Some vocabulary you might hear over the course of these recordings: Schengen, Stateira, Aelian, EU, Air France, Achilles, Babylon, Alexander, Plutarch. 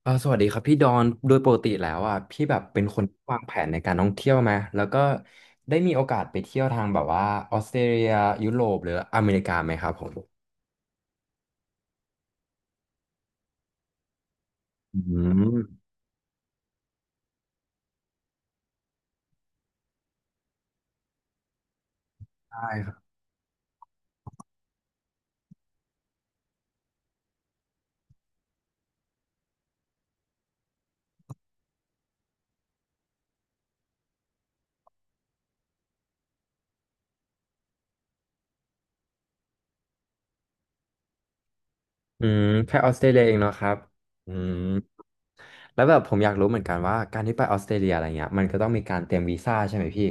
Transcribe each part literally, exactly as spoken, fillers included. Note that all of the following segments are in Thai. เออสวัสดีครับพี่ดอนโดยปกติแล้วอ่ะพี่แบบเป็นคนที่วางแผนในการท่องเที่ยวไหมแล้วก็ได้มีโอกาสไปเที่ยวทางแบบว่าออสเตรเลียยุโรปหรืออเมริกาไหมครับผมอืมใช่ครับ อืมแค่ออสเตรเลียเองเนาะครับอืมแล้วแบบผมอยากรู้เหมือนกันว่าการที่ไปออสเตรเลียอะไรเงี้ยมันก็ต้องมีการเตรียมวีซ่าใช่ไหมพี่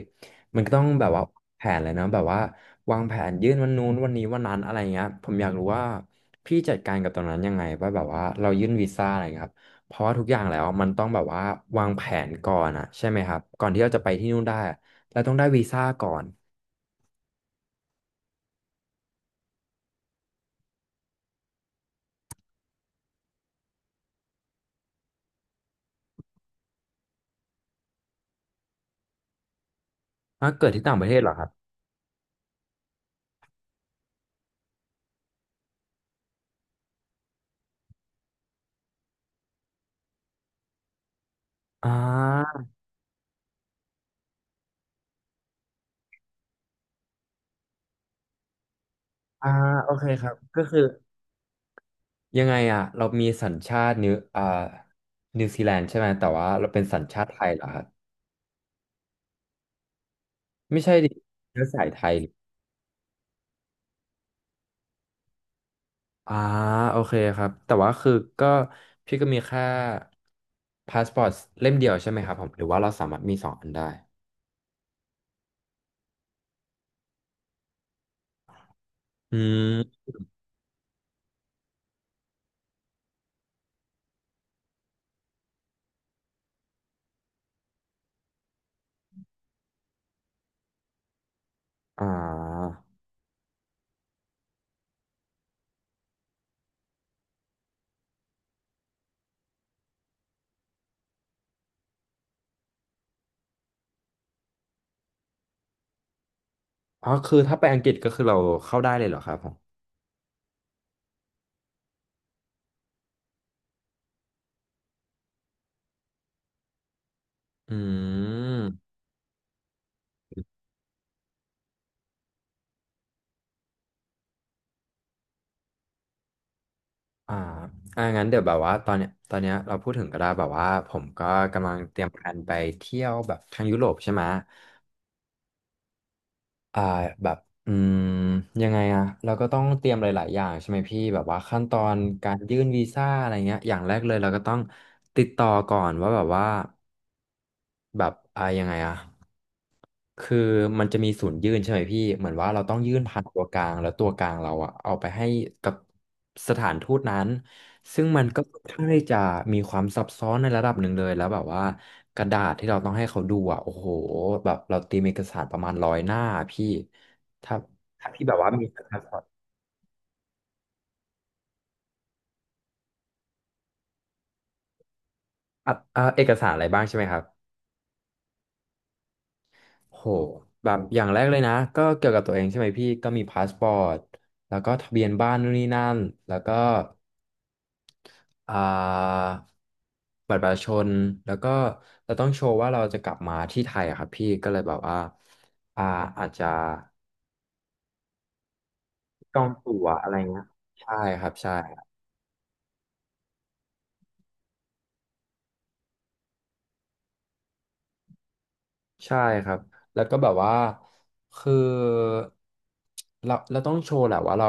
มันก็ต้องแบบว่าแผนเลยเนอะแบบว่าวางแผนยื่นวันนู้นวันนี้วันนั้นอะไรเงี้ยผมอยากรู้ว่าพี่จัดการกับตรงนั้นยังไงว่าแบบว่าเรายื่นวีซ่าอะไรเงี้ยครับเพราะว่าทุกอย่างแล้วมันต้องแบบว่าวางแผนก่อนอะใช่ไหมครับก่อนที่เราจะไปที่นู่นได้อะเราต้องได้วีซ่าก่อนอ่ะเกิดที่ต่างประเทศเหรอครับอ่าอ่าโอเคครับก็คือ ยังไงอ่ะเรามีสัญชาตินิวอ่านิวซีแลนด์ใช่ไหมแต่ว่าเราเป็นสัญชาติไทยเหรอครับไม่ใช่ดิเชื้อสายไทยออ่าโอเคครับแต่ว่าคือก็พี่ก็มีแค่พาสปอร์ตเล่มเดียวใช่ไหมครับผมหรือว่าเราสามารถมีสองอันได้อืมอ่าอ๋อคือถ้าไปอังกฤษก็คือเราเข้าได้เลยเหรอครับผมอืมอ่าอ่างั้นเดี๋ยวแบบว่าตอนเนี้ยตอนเนี้ยเราพูดถึงก็ได้แบบว่าผมก็กำลังเตรียมแผนไปเที่ยวแบบทางยุโรปใช่ไหม อ่าแบบอืมยังไงอะเราก็ต้องเตรียมหลายๆอย่างใช่ไหมพี่แบบว่าขั้นตอนการยื่นวีซ่าอะไรเงี้ยอย่างแรกเลยเราก็ต้องติดต่อก่อนว่าแบบว่าแบบอ่ายังไงอะ คือมันจะมีศูนย์ยื่นใช่ไหมพี่เหมือนว่าเราต้องยื่นผ่านตัวกลางแล้วตัวกลางเราอะเอาไปให้กับสถานทูตนั้นซึ่งมันก็ค่อนข้างที่จะมีความซับซ้อนในระดับหนึ่งเลยแล้วแบบว่ากระดาษที่เราต้องให้เขาดูอะโอ้โหแบบเราตีมเอกสารประมาณร้อยหน้าพี่ถ้าถ้าพี่แบบว่ามีเอกสถารอ่ะอ่ะเอกสารอะไรบ้างใช่ไหมครับโหแบบอย่างแรกเลยนะก็เกี่ยวกับตัวเองใช่ไหมพี่ก็มีพาสปอร์ตแล้วก็ทะเบียนบ้านนู่นนี่นั่นแล้วก็ อ่าบัตรประชาชนแล้วก็เราต้องโชว์ว่าเราจะกลับมาที่ไทยอะครับพี่ก็เลยแบบว่าอ่าอาจจะจองตั๋วอะไรเงี้ยใช่ครับใช่ใช่ครับแล้วก็แบบว่าคือเราเราต้องโชว์แหละว่าเรา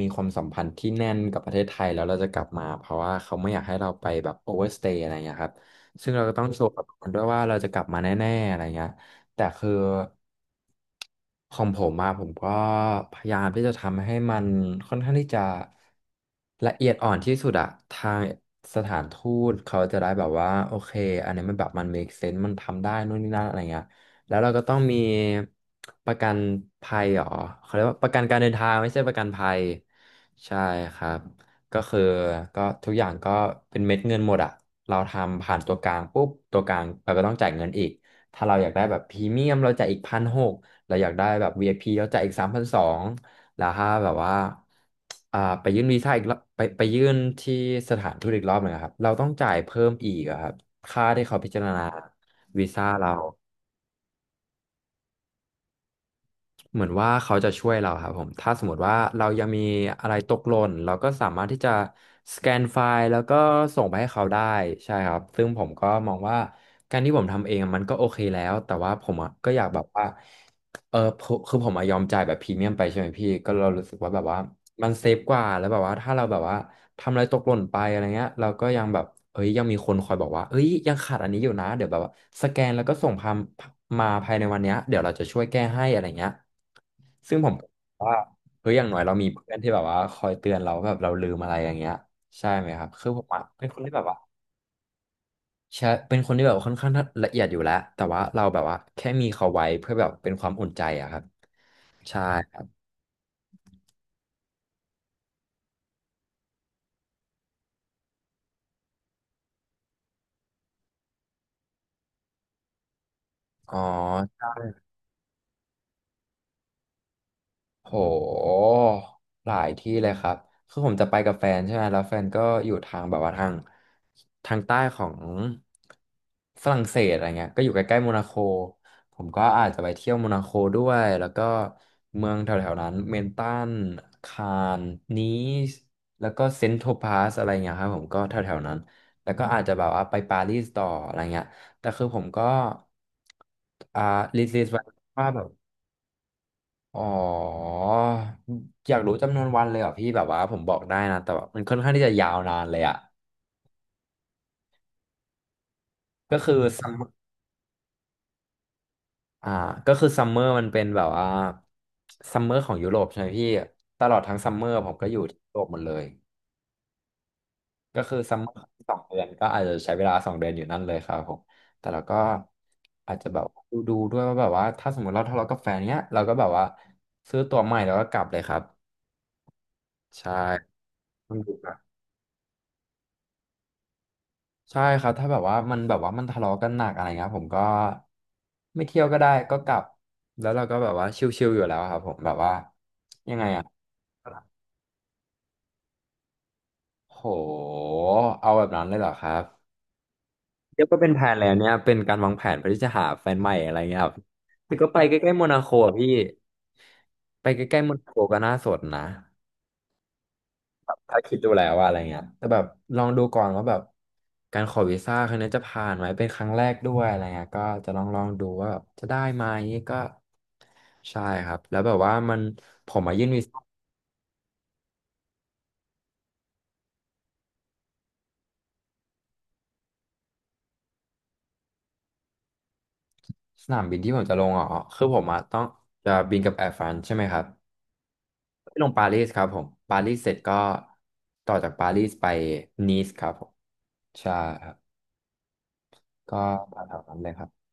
มีความสัมพันธ์ที่แน่นกับประเทศไทยแล้วเราจะกลับมาเพราะว่าเขาไม่อยากให้เราไปแบบโอเวอร์สเตย์อะไรเงี้ยครับซึ่งเราก็ต้องโชว์กับมันด้วยว่าเราจะกลับมาแน่ๆอะไรเงี้ย แต่คือของผมมาผมก็พยายามที่จะทำให้มันค่อนข้างที่จะละเอียดอ่อนที่สุดอะทางสถานทูตเขาจะได้แบบว่าโอเคอันนี้มันแบบมัน make sense มันทำได้นู่นนี่นั่นอะไรเงี้ยแล้วเราก็ต้องมีประกันภัยเหรอเขาเรียกว่าประกันการเดินทางไม่ใช่ประกันภัยใช่ครับก็คือก็ทุกอย่างก็เป็นเม็ดเงินหมดอะเราทำผ่านตัวกลางปุ๊บตัวกลางเราก็ต้องจ่ายเงินอีก ถ้าเราอยากได้แบบพรีเมียมเราจ่ายอีกพันหกเราอยากได้แบบ วี ไอ พี เราจ่ายอีกสามพันสองแล้วถ้าแบบว่าอ่าไปยื่นวีซ่าอีกรอบไปไปยื่นที่สถานทูตอีกรอบหนึ่งอะครับเราต้องจ่ายเพิ่มอีกอะครับค่าที่เขาพิจารณาวีซ่าเรา เหมือนว่าเขาจะช่วยเราครับผมถ้าสมมติว่าเรายังมีอะไรตกหล่นเราก็สามารถที่จะสแกนไฟล์แล้วก็ส่งไปให้เขาได้ใช่ครับซึ่งผมก็มองว่าการที่ผมทำเองมันก็โอเคแล้วแต่ว่าผมอะก็อยากแบบว่าเออผมคือผมอะยอมจ่ายแบบพรีเมียมไปใช่ไหมพี่ก็เรารู้สึกว่าแบบว่ามันเซฟกว่าแล้วแบบว่าถ้าเราแบบว่าทำอะไรตกหล่นไปอะไรเงี้ยเราก็ยังแบบ เอ้ยยังมีคนคอยบอกว่าเอ้ยยังขาดอันนี้อยู่นะเดี๋ยวแบบว่าสแกนแล้วก็ส่งพามมาภายในวันเนี้ยเดี๋ยวเราจะช่วยแก้ให้อะไรเงี้ยซึ่งผมว่าเฮ้ยอย่างน้อยเรามีเพื่อนที่แบบว่าคอยเตือนเราแบบเราลืมอะไรอย่างเงี้ยใช่ไหมครับคือผมอะเป็นคนที่แบบว่าใช่เป็นคนที่แบบว่าค่อนข้างละเอียดอยู่แล้วแต่ว่าเราแบบว่าแค่มีเขาไว้เพื่อแบบเป็นความอุ่นใจอะครับใช่อ๋อ โหหลายที่เลยครับคือผมจะไปกับแฟนใช่ไหมแล้วแฟนก็อยู่ทางแบบว่าทางทางใต้ของฝรั่งเศสอะไรเงี้ยก็อยู่ใกล้ๆโมนาโคผมก็อาจจะไปเที่ยวโมนาโคด้วยแล้วก็เมืองแถวๆนั้นเมนตันคานนีสแล้วก็เซนต์โทพาสอะไรเงี้ยครับผมก็แถวๆนั้นแล้วก็อาจจะแบบว่าไปปารีสต่ออะไรเงี้ยแต่คือผมก็อ่าลิสต์ไว้ว่าแบบ อ๋ออยากรู้จำนวนวันเลยเหรอ่ะพี่แบบว่าผมบอกได้นะแต่ว่ามันค่อนข้างที่จะยาวนานเลยอ่ะก็คือซัมอ่าก็คือซัมเมอร์มันเป็นแบบว่าซัมเมอร์ของยุโรปใช่ไหมพี่ตลอดทั้งซัมเมอร์ผมก็อยู่ที่ยุโรปหมดเลยก็คือซัมเมอร์สองเดือนก็อาจจะใช้เวลาสองเดือนอยู่นั่นเลยครับผมแต่เราก็อาจจะแบบดูดูด้วยว่าแบบว่าถ้าสมมติเราทะเลาะกับแฟนเนี้ยเราก็แบบว่าซื้อตั๋วใหม่แล้วก็กลับเลยครับใช่ต้องดู ใช่ครับถ้าแบบว่ามันแบบว่ามันทะเลาะกันหนักอะไรเงี้ยผมก็ไม่เที่ยวก็ได้ก็กลับแล้วเราก็แบบว่าชิลๆอยู่แล้วครับผมแบบว่ายังไงอ่ะโหเอาแบบนั้นเลยเหรอครับเดี๋ยวก็เป็นแผนแล้วเนี่ยเป็นการวางแผนเพื่อที่จะหาแฟนใหม่อะไรเงี้ยครับแต่ก็ไปใกล้ๆโมนาโคอะพี่ไปใกล้ๆโมนาโคก็น่าสนนะ ถ้าคิดดูแล้วว่าอะไรเงี้ยแต่แบบลองดูก่อนว่าแบบการขอวีซ่าครั้งนี้จะผ่านไหมเป็นครั้งแรกด้วยอะไรเงี้ยก็จะลองลองดูว่าแบบจะได้ไหมก็ใช่ครับแล้วแบบว่ามันผมมายื่นวีซ่าสนามบินที่ผมจะลงอ๋อคือผมอะต้องจะบินกับแอร์ฟรานซ์ใช่ไหมครับไปลงปารีสครับผมปารีสเสร็จก็ต่อจากปารีสไปนีสครับผมใช่ครับก็แถวๆนั้นเลยครับ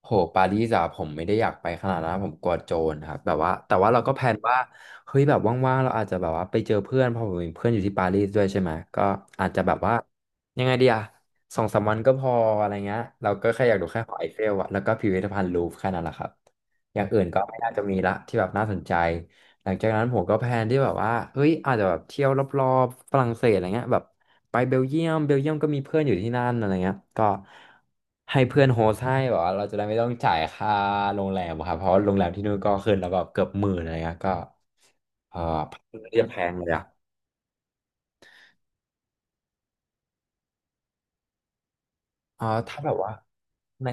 โหปารีสอะผมไม่ได้อยากไปขนาดนั้นผมกลัวโจรครับแบบว่าแต่ว่าเราก็แพลนว่าเฮ้ยแบบว่างๆเราอาจจะแบบว่าไปเจอเพื่อนเพราะผมมีเพื่อนอยู่ที่ปารีสด้วยใช่ไหมก็อาจจะแบบว่ายังไงดีอะสองสามวันก็พออะไรเงี้ยเราก็แค่อยากดูแค่หอไอเฟลอะแล้วก็พิพิธภัณฑ์ลูฟร์แค่นั้นแหละครับอย่างอื่นก็ไม่น่าจะมีละที่แบบน่าสนใจ หลังจากนั้นผมก็แพลนที่แบบว่าเฮ้ยอาจจะแบบเที่ยวรอบๆฝรั่งเศสอะไรเงี้ยแบบไปเบลเยียมเบลเยียมก็มีเพื่อนอยู่ที่นั่นอะไรเงี้ยก็ให้เพื่อนโฮสต์ให้แบบว่าเราจะได้ไม่ต้องจ่ายค่าโรงแรมครับเพราะว่าโรงแรมที่นู่นก็ขึ้นแล้วแบบเกือบหมื่นอะไรเงี้ยก็เออเรียกแพงเลยอะอ่าถ้าแบบว่าใน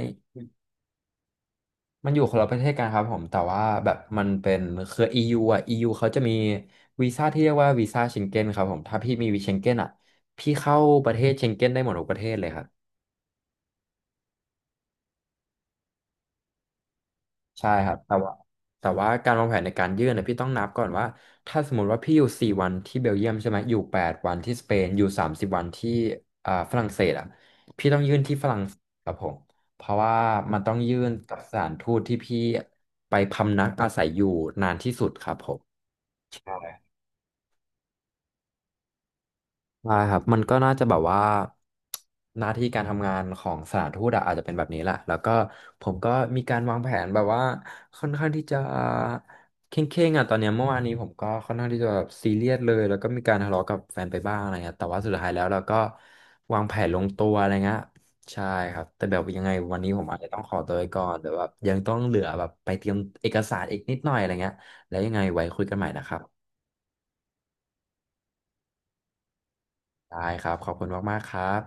มันอยู่คนละประเทศกันครับผม แต่ว่าแบบมันเป็นเครือ อี ยู อ่ะ อี ยู เขาจะมีวีซ่าที่เรียกว่าวีซ่าเชงเก้นครับผม ถ้าพี่มีวีเชงเก้นอ่ะ พี่เข้าประเทศเชงเก้นได้หมดทุกประเทศเลยครับ ใช่ครับ แต่ว่าแต่ว่าการวางแผนในการยื่นเนี่ยพี่ต้องนับก่อนว่าถ้าสมมติว่าพี่อยู่สี่วันที่เบลเยียมใช่ไหมอยู่แปดวันที่สเปนอยู่สามสิบวันที่อ่าฝรั่งเศสอ่ะพี่ต้องยื่นที่ฝรั่งเศสครับผมเพราะว่ามันต้องยื่นกับสถานทูตที่พี่ไปพำนักอาศัยอยู่นานที่สุดครับผม ใช่ครับมันก็น่าจะแบบว่าหน้าที่การทำงานของสถานทูตอะอาจจะเป็นแบบนี้แหละแล้วก็ผมก็มีการวางแผนแบบว่าค่อนข้างที่จะเคร่งๆอ่ะตอนเนี้ยเมื่อวานนี้ผมก็ค่อนข้างที่จะแบบซีเรียสเลยแล้วก็มีการทะเลาะกับแฟนไปบ้างอะไรเงี้ยแต่ว่าสุดท้ายแล้วเราก็วางแผนลงตัวอะไรเงี้ยใช่ครับแต่แบบยังไงวันนี้ผมอาจจะต้องขอตัวไปก่อนแต่ว่ายังต้องเหลือแบบไปเตรียมเอกสารอีกนิดหน่อยอะไรเงี้ยแล้วยังไงไว้คุยกันใหม่นะครับได้ครับขอบคุณมากๆครับ